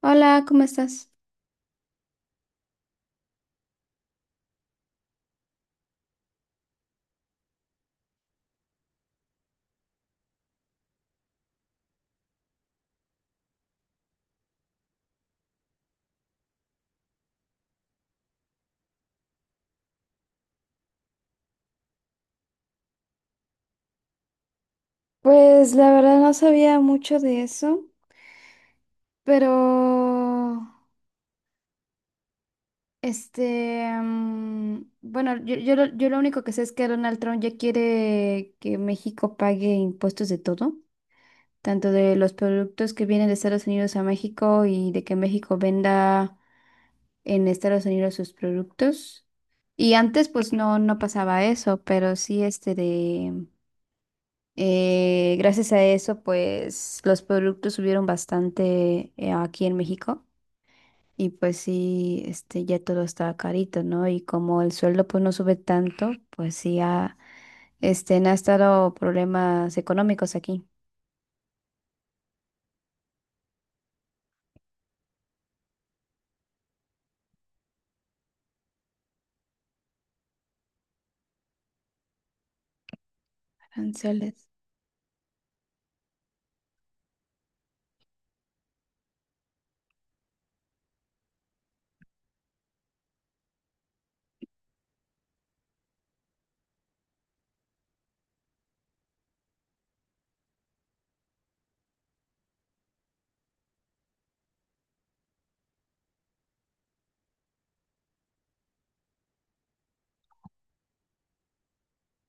Hola, ¿cómo estás? Pues la verdad no sabía mucho de eso, pero bueno, yo lo único que sé es que Donald Trump ya quiere que México pague impuestos de todo, tanto de los productos que vienen de Estados Unidos a México y de que México venda en Estados Unidos sus productos. Y antes pues no pasaba eso, pero sí gracias a eso, pues los productos subieron bastante aquí en México. Y pues sí, ya todo está carito, ¿no? Y como el sueldo pues no sube tanto, pues sí han estado problemas económicos aquí. Aranceles.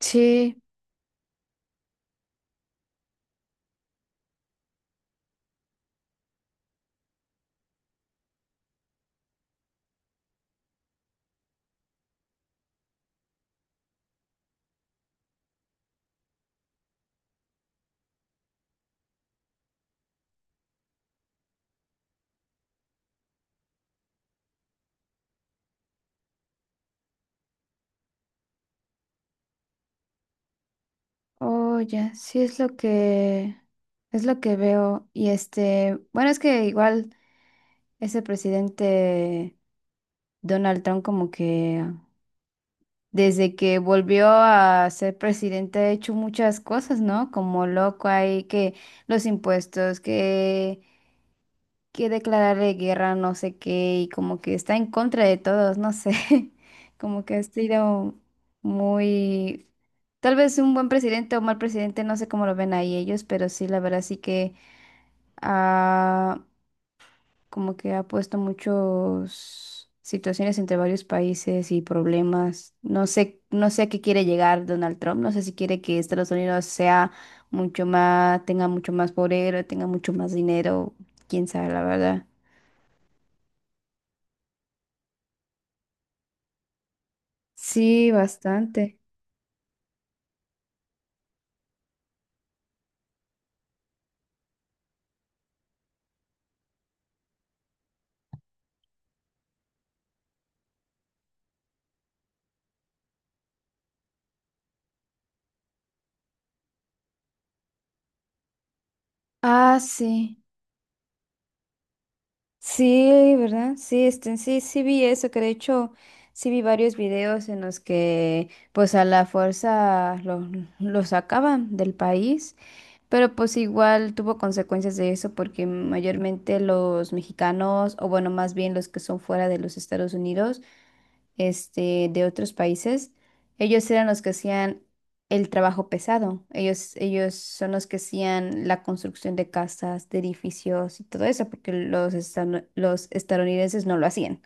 Sí, oh, ya, sí es lo que veo. Y bueno, es que igual ese presidente Donald Trump como que desde que volvió a ser presidente ha hecho muchas cosas, ¿no? Como loco hay que los impuestos, que declararle guerra, no sé qué, y como que está en contra de todos, no sé. Como que ha sido muy, tal vez un buen presidente o mal presidente, no sé cómo lo ven ahí ellos, pero sí, la verdad sí que como que ha puesto muchas situaciones entre varios países y problemas. No sé a qué quiere llegar Donald Trump, no sé si quiere que Estados Unidos sea mucho más, tenga mucho más poder, tenga mucho más dinero, quién sabe, la verdad. Sí, bastante. Ah, sí. Sí, ¿verdad? Sí, sí vi eso, que de hecho sí vi varios videos en los que pues a la fuerza lo sacaban del país. Pero pues igual tuvo consecuencias de eso porque mayormente los mexicanos, o bueno, más bien los que son fuera de los Estados Unidos, de otros países, ellos eran los que hacían el trabajo pesado. Ellos son los que hacían la construcción de casas, de edificios y todo eso, porque los estadounidenses no lo hacían.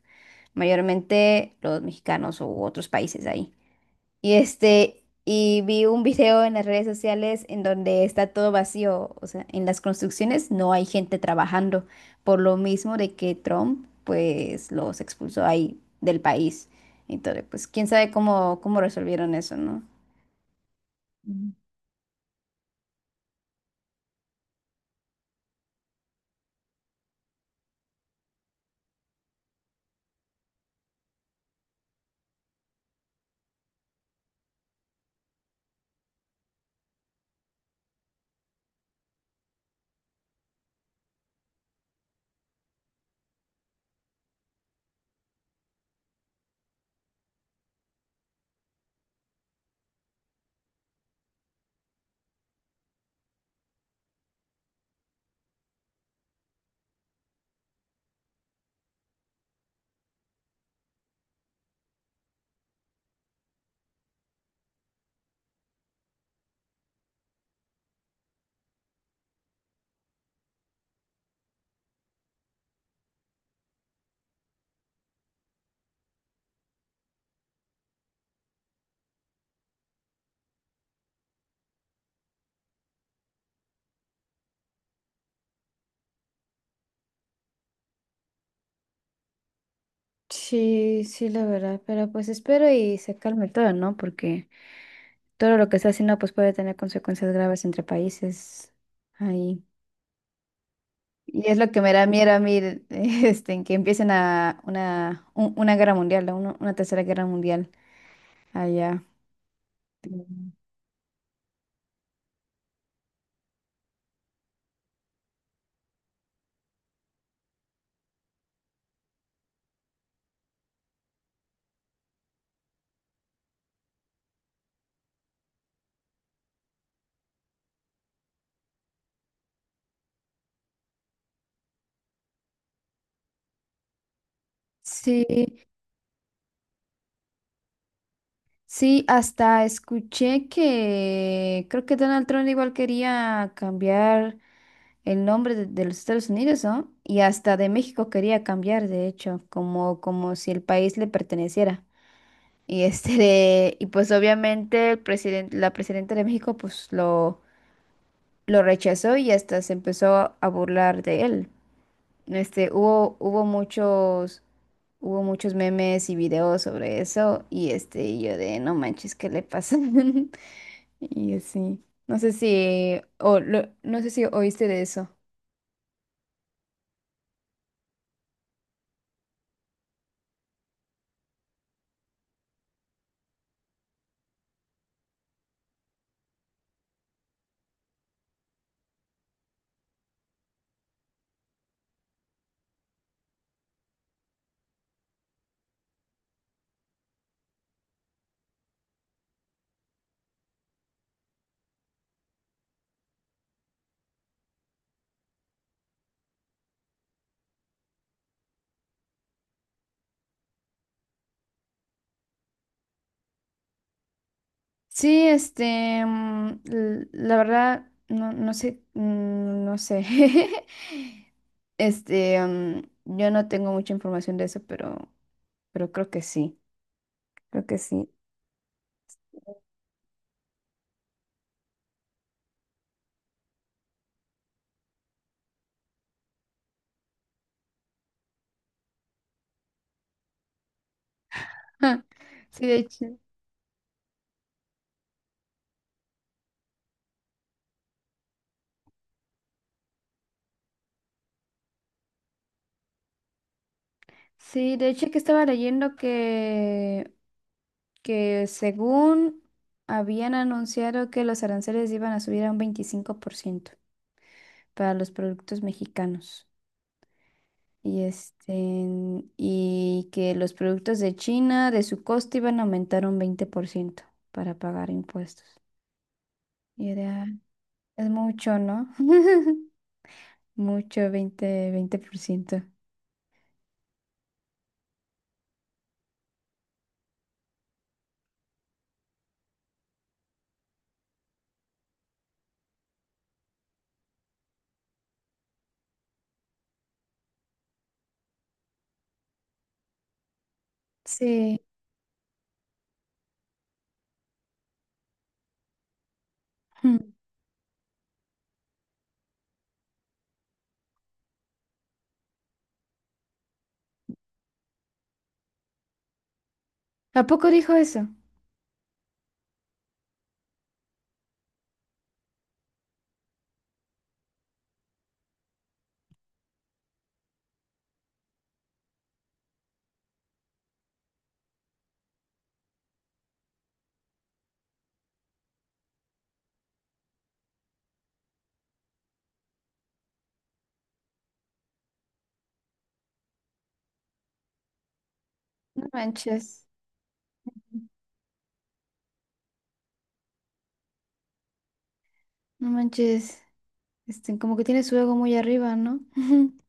Mayormente los mexicanos u otros países ahí. Y vi un video en las redes sociales en donde está todo vacío, o sea, en las construcciones no hay gente trabajando, por lo mismo de que Trump, pues, los expulsó ahí del país. Entonces, pues, quién sabe cómo resolvieron eso, ¿no? Mm. Sí, sí, la verdad, pero pues espero y se calme todo, ¿no? Porque todo lo que está haciendo pues puede tener consecuencias graves entre países. Ahí. Y es lo que me da miedo a mí, en que empiecen una guerra mundial, ¿no? Una tercera guerra mundial allá. Sí, sí, hasta escuché que creo que Donald Trump igual quería cambiar el nombre de los Estados Unidos, ¿no? Y hasta de México quería cambiar, de hecho, como si el país le perteneciera. Y y pues obviamente el presidente, la presidenta de México, pues lo rechazó y hasta se empezó a burlar de él. Este, hubo, hubo muchos, hubo muchos memes y videos sobre eso, y y yo de no manches, ¿qué le pasa? Y así. No sé si, no sé si oíste de eso. Sí, la verdad, no, no sé, no sé. Este, mm, yo no tengo mucha información de eso, pero creo que sí, creo que sí. Sí, de hecho. Sí, de hecho que estaba leyendo que según habían anunciado que los aranceles iban a subir a un 25% para los productos mexicanos. Y y que los productos de China, de su costo, iban a aumentar un 20% para pagar impuestos. Y es mucho, ¿no? Mucho, 20%. Sí. Hmm. ¿A poco dijo eso? No manches. No manches. Como que tiene su ego muy arriba, ¿no?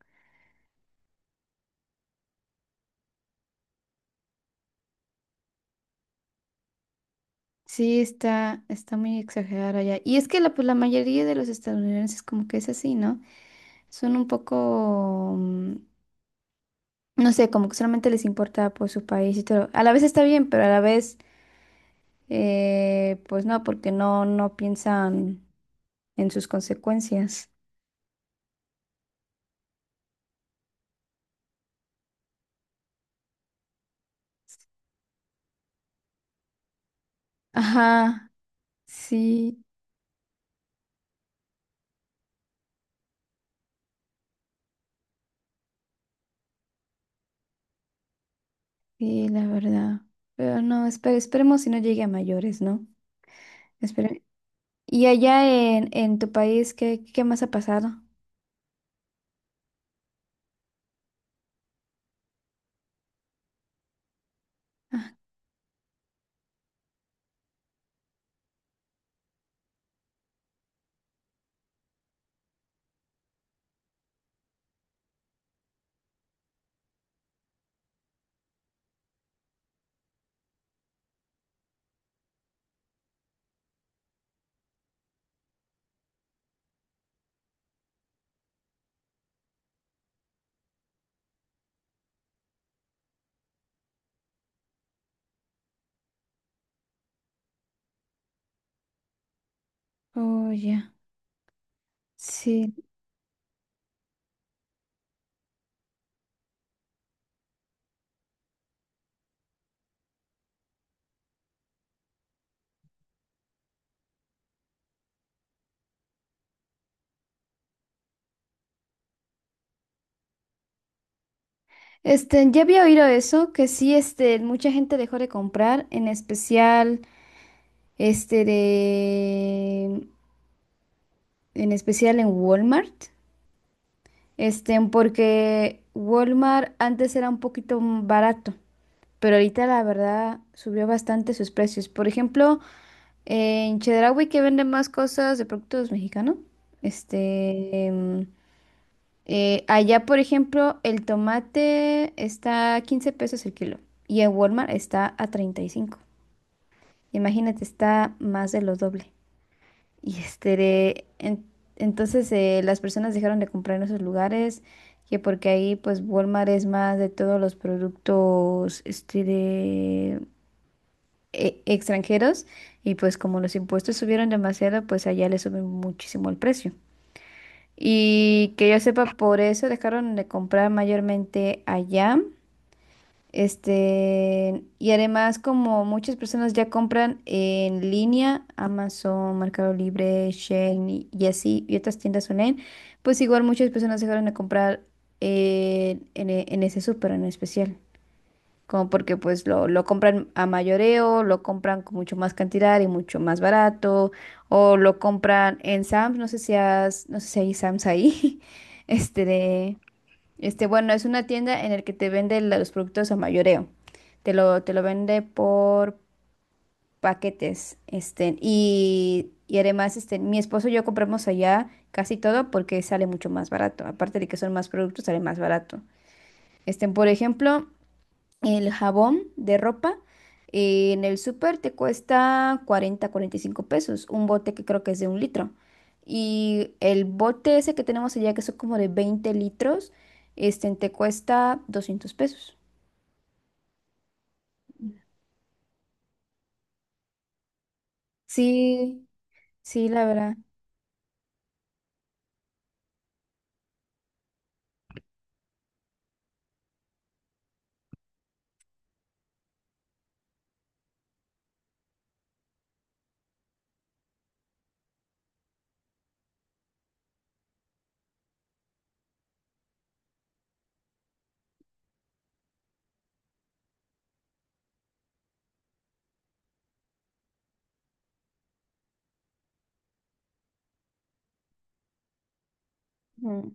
Sí, está muy exagerada allá. Y es que la, pues, la mayoría de los estadounidenses como que es así, ¿no? Son un poco, no sé, como que solamente les importa por su país y todo. A la vez está bien, pero a la vez, pues no, porque no piensan en sus consecuencias. Ajá, sí, sí, la verdad. Pero no, esperemos si no llegue a mayores, ¿no? Espere- Y allá en tu país, qué más ha pasado? Oh, ya. Sí. Ya había oído eso, que sí, este, mucha gente dejó de, comprar, en especial, este, de, en especial en Walmart, porque Walmart antes era un poquito barato, pero ahorita la verdad subió bastante sus precios. Por ejemplo, en Chedraui que venden más cosas de productos mexicanos, este, allá, por ejemplo, el tomate está a 15 pesos el kilo y en Walmart está a 35. Imagínate, está más de lo doble. Y este, de- en- entonces las personas dejaron de comprar en esos lugares, que porque ahí pues Walmart es más de todos los productos extranjeros y pues como los impuestos subieron demasiado, pues allá le suben muchísimo el precio. Y que yo sepa, por eso dejaron de comprar mayormente allá. Y además, como muchas personas ya compran en línea, Amazon, Mercado Libre, Shein y así, y otras tiendas online, pues igual muchas personas dejaron de comprar en ese súper en especial como porque pues lo compran a mayoreo, lo compran con mucho más cantidad y mucho más barato, o lo compran en Sam's, no sé si hay Sam's ahí, este de, bueno, es una tienda en la que te vende los productos a mayoreo, te lo vende por paquetes, y además, mi esposo y yo compramos allá casi todo porque sale mucho más barato, aparte de que son más productos, sale más barato. Por ejemplo, el jabón de ropa en el súper te cuesta 40 45 pesos, un bote que creo que es de un litro. Y el bote ese que tenemos allá, que son como de 20 litros, te cuesta 200 pesos. Sí, sí, la verdad. Ujú.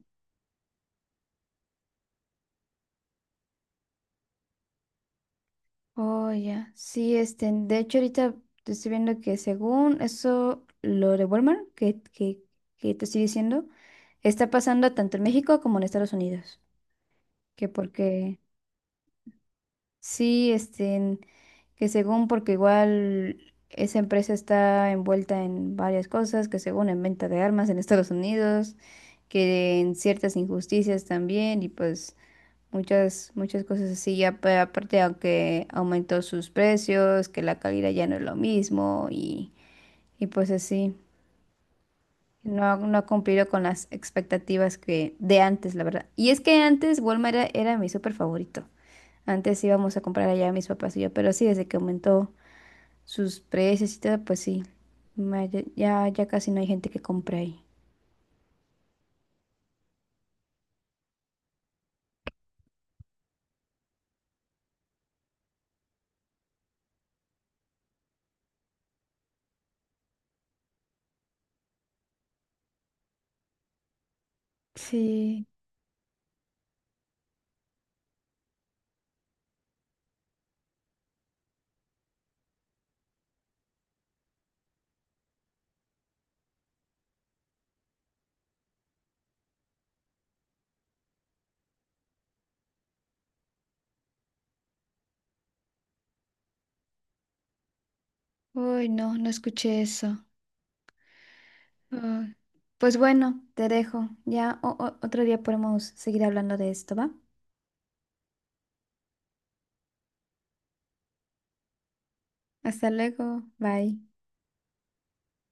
Oh, ya. Sí, de hecho ahorita te estoy viendo que según eso, lo de Walmart que te estoy diciendo, está pasando tanto en México como en Estados Unidos. Que porque... Sí, que según, porque igual esa empresa está envuelta en varias cosas, que según en venta de armas en Estados Unidos, que en ciertas injusticias también, y pues muchas, muchas cosas así. Ya aparte, aunque aumentó sus precios, que la calidad ya no es lo mismo, y pues así. No, no ha cumplido con las expectativas que de antes, la verdad. Y es que antes Walmart era mi súper favorito. Antes íbamos a comprar allá mis papás y yo, pero sí, desde que aumentó sus precios y todo, pues sí, ya casi no hay gente que compre ahí. Sí. Uy, no, no escuché eso. Ah, pues bueno, te dejo. Ya otro día podemos seguir hablando de esto, ¿va? Hasta luego. Bye.